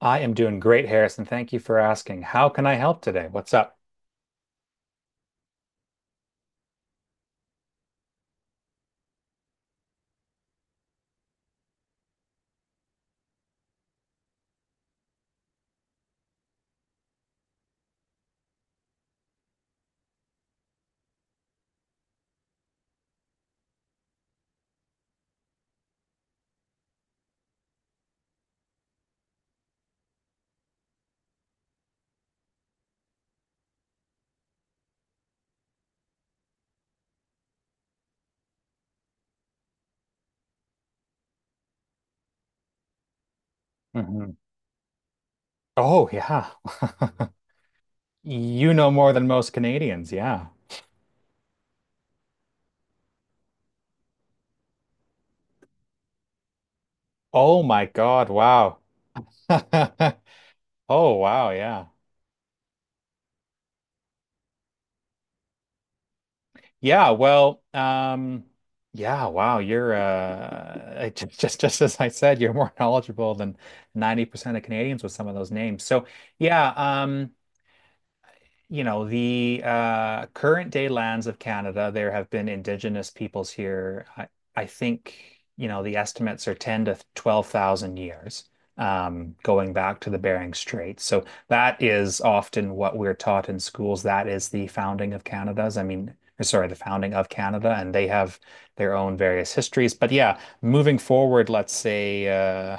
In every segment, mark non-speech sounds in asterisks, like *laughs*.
I am doing great, Harrison. Thank you for asking. How can I help today? What's up? Hmm. Oh, yeah. *laughs* You know more than most Canadians. Yeah. Oh my God. Wow. *laughs* Oh, wow. Yeah. Yeah. Well, yeah. Wow. You're, *laughs* just as I said, you're more *laughs* knowledgeable than 90% of Canadians with some of those names. So, yeah. You know, the current day lands of Canada, there have been Indigenous peoples here. I think, you know, the estimates are 10 to 12,000 years, going back to the Bering Strait. So that is often what we're taught in schools. That is the founding of Canada's, I mean, or sorry, the founding of Canada, and they have their own various histories. But yeah, moving forward, let's say,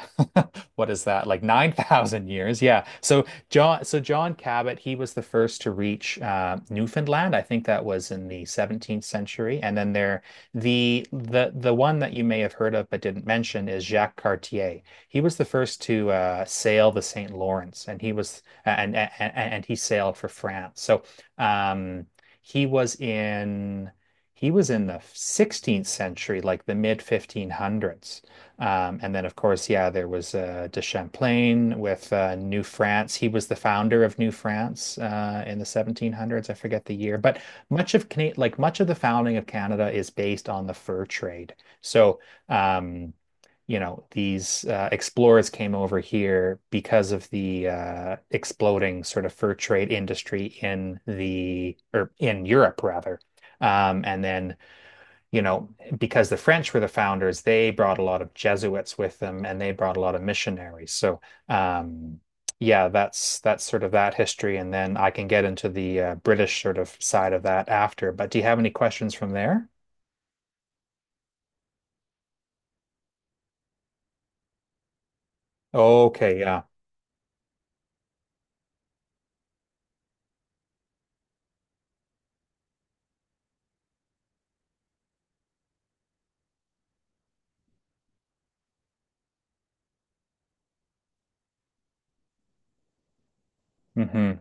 *laughs* what is that, like 9,000 years? Yeah. So John Cabot, he was the first to reach Newfoundland. I think that was in the 17th century. And then there, the one that you may have heard of but didn't mention is Jacques Cartier. He was the first to sail the St. Lawrence, and he was and he sailed for France. So, um, he was in he was in the 16th century, like the mid 1500s. And then, of course, yeah, there was de Champlain with New France. He was the founder of New France in the 1700s. I forget the year, but much of the founding of Canada is based on the fur trade. So, um, you know, these explorers came over here because of the exploding sort of fur trade industry in Europe rather. And then, you know, because the French were the founders, they brought a lot of Jesuits with them and they brought a lot of missionaries. So, um, yeah, that's sort of that history, and then I can get into the British sort of side of that after. But do you have any questions from there? Okay, yeah. Hmm.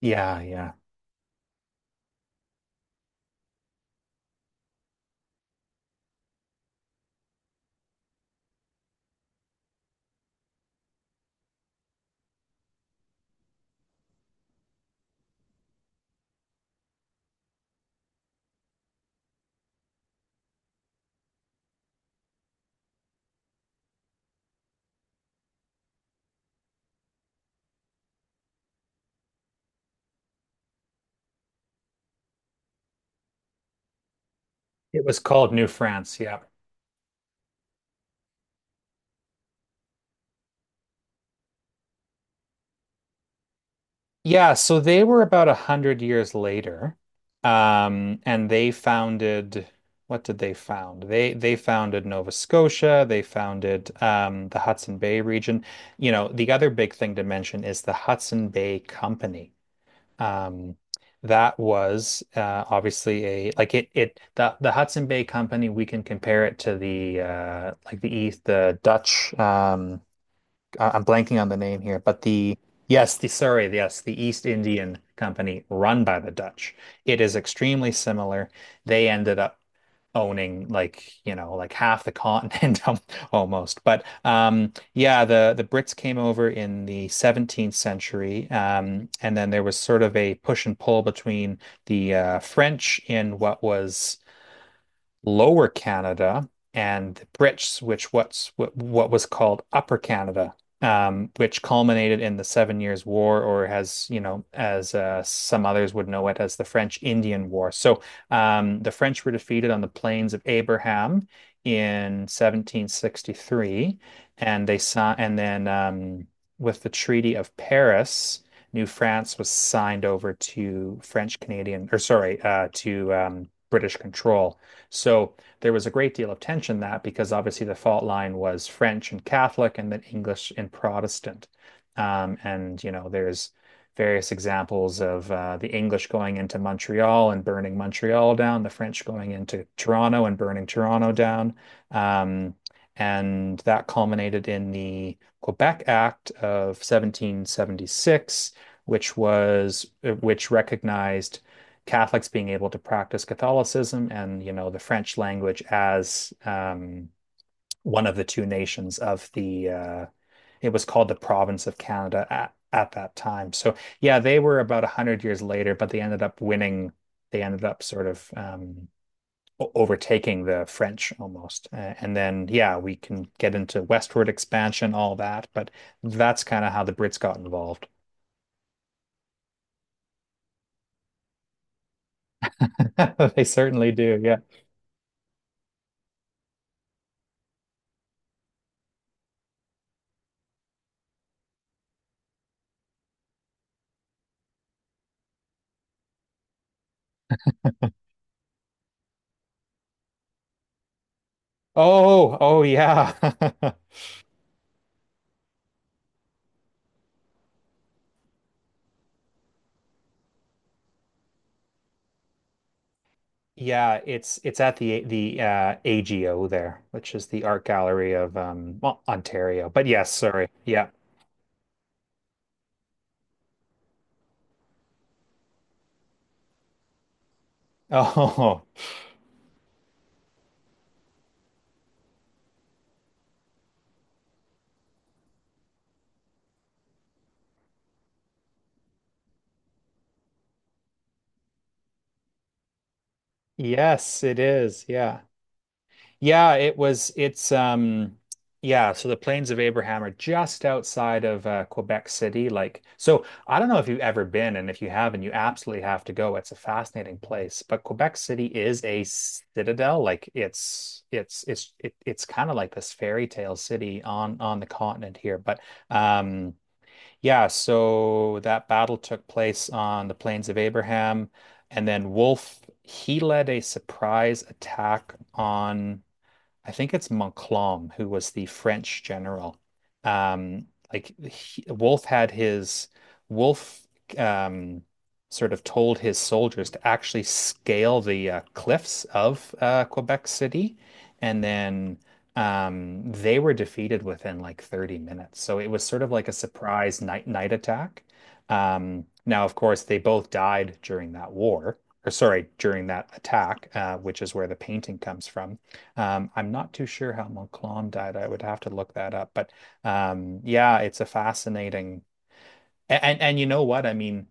Yeah, yeah. It was called New France. Yeah. Yeah, so they were about 100 years later, and they founded. What did they found? They founded Nova Scotia. They founded the Hudson Bay region. You know, the other big thing to mention is the Hudson Bay Company. Um, that was obviously a like it the Hudson Bay Company. We can compare it to the like the East, the Dutch, I'm blanking on the name here, but the, yes, the, sorry, yes, the East Indian Company, run by the Dutch. It is extremely similar. They ended up owning, like, you know, like half the continent *laughs* almost. But yeah, the Brits came over in the 17th century, and then there was sort of a push and pull between the French in what was Lower Canada and the Pritsch, which what's what was called Upper Canada, which culminated in the Seven Years' War, or, as you know, as some others would know it, as the French Indian War. So, the French were defeated on the Plains of Abraham in 1763, and then, with the Treaty of Paris, New France was signed over to French Canadian, or sorry, to British control. So there was a great deal of tension, that because obviously the fault line was French and Catholic and then English and Protestant. And you know, there's various examples of the English going into Montreal and burning Montreal down, the French going into Toronto and burning Toronto down. Um, and that culminated in the Quebec Act of 1776, which recognized Catholics being able to practice Catholicism, and, you know, the French language as one of the two nations of the, it was called the province of Canada at that time. So yeah, they were about a hundred years later, but they ended up winning. They ended up sort of overtaking the French almost. And then, yeah, we can get into westward expansion, all that, but that's kind of how the Brits got involved. *laughs* They certainly do. Yeah. Oh, yeah. *laughs* Yeah, it's at the AGO there, which is the art gallery of, well, Ontario. But yes, sorry. Yeah. Oh, *laughs* yes, it is. Yeah. Yeah, it was it's yeah, so the Plains of Abraham are just outside of Quebec City. Like, so I don't know if you've ever been, and if you haven't, you absolutely have to go. It's a fascinating place. But Quebec City is a citadel. Like it's kind of like this fairy tale city on the continent here. But um yeah, so that battle took place on the Plains of Abraham, and then Wolfe, he led a surprise attack on, I think it's, Montcalm, who was the French general. Um, like he, Wolfe had his Wolfe um, sort of told his soldiers to actually scale the cliffs of Quebec City, and then they were defeated within like 30 minutes. So it was sort of like a surprise night attack. Now, of course, they both died during that war, or sorry, during that attack, which is where the painting comes from. I'm not too sure how Montcalm died. I would have to look that up. But yeah, it's a fascinating, and, you know what? I mean,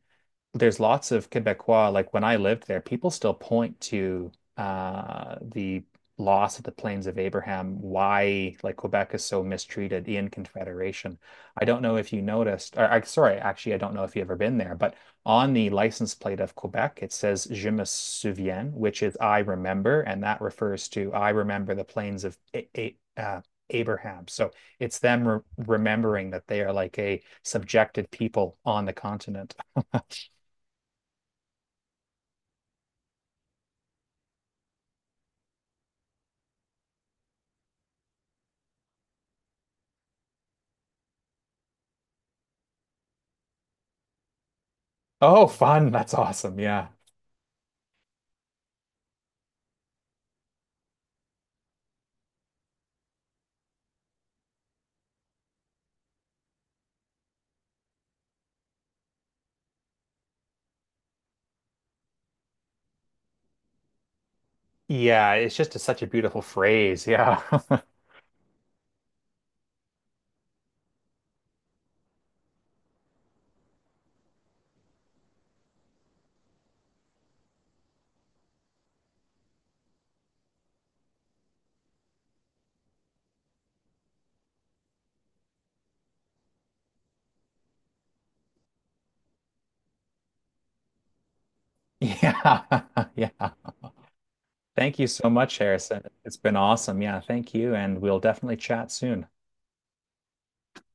there's lots of Quebecois, like when I lived there, people still point to the loss of the Plains of Abraham, why, like, Quebec is so mistreated in Confederation. I don't know if you noticed, or, I, sorry, actually, I don't know if you've ever been there, but on the license plate of Quebec, it says Je me souviens, which is I remember, and that refers to I remember the Plains of Abraham. So it's them re remembering that they are like a subjected people on the continent. *laughs* Oh, fun. That's awesome. Yeah. Yeah. It's just such a beautiful phrase. Yeah. *laughs* Yeah. *laughs* Yeah. Thank you so much, Harrison. It's been awesome. Yeah. Thank you. And we'll definitely chat soon.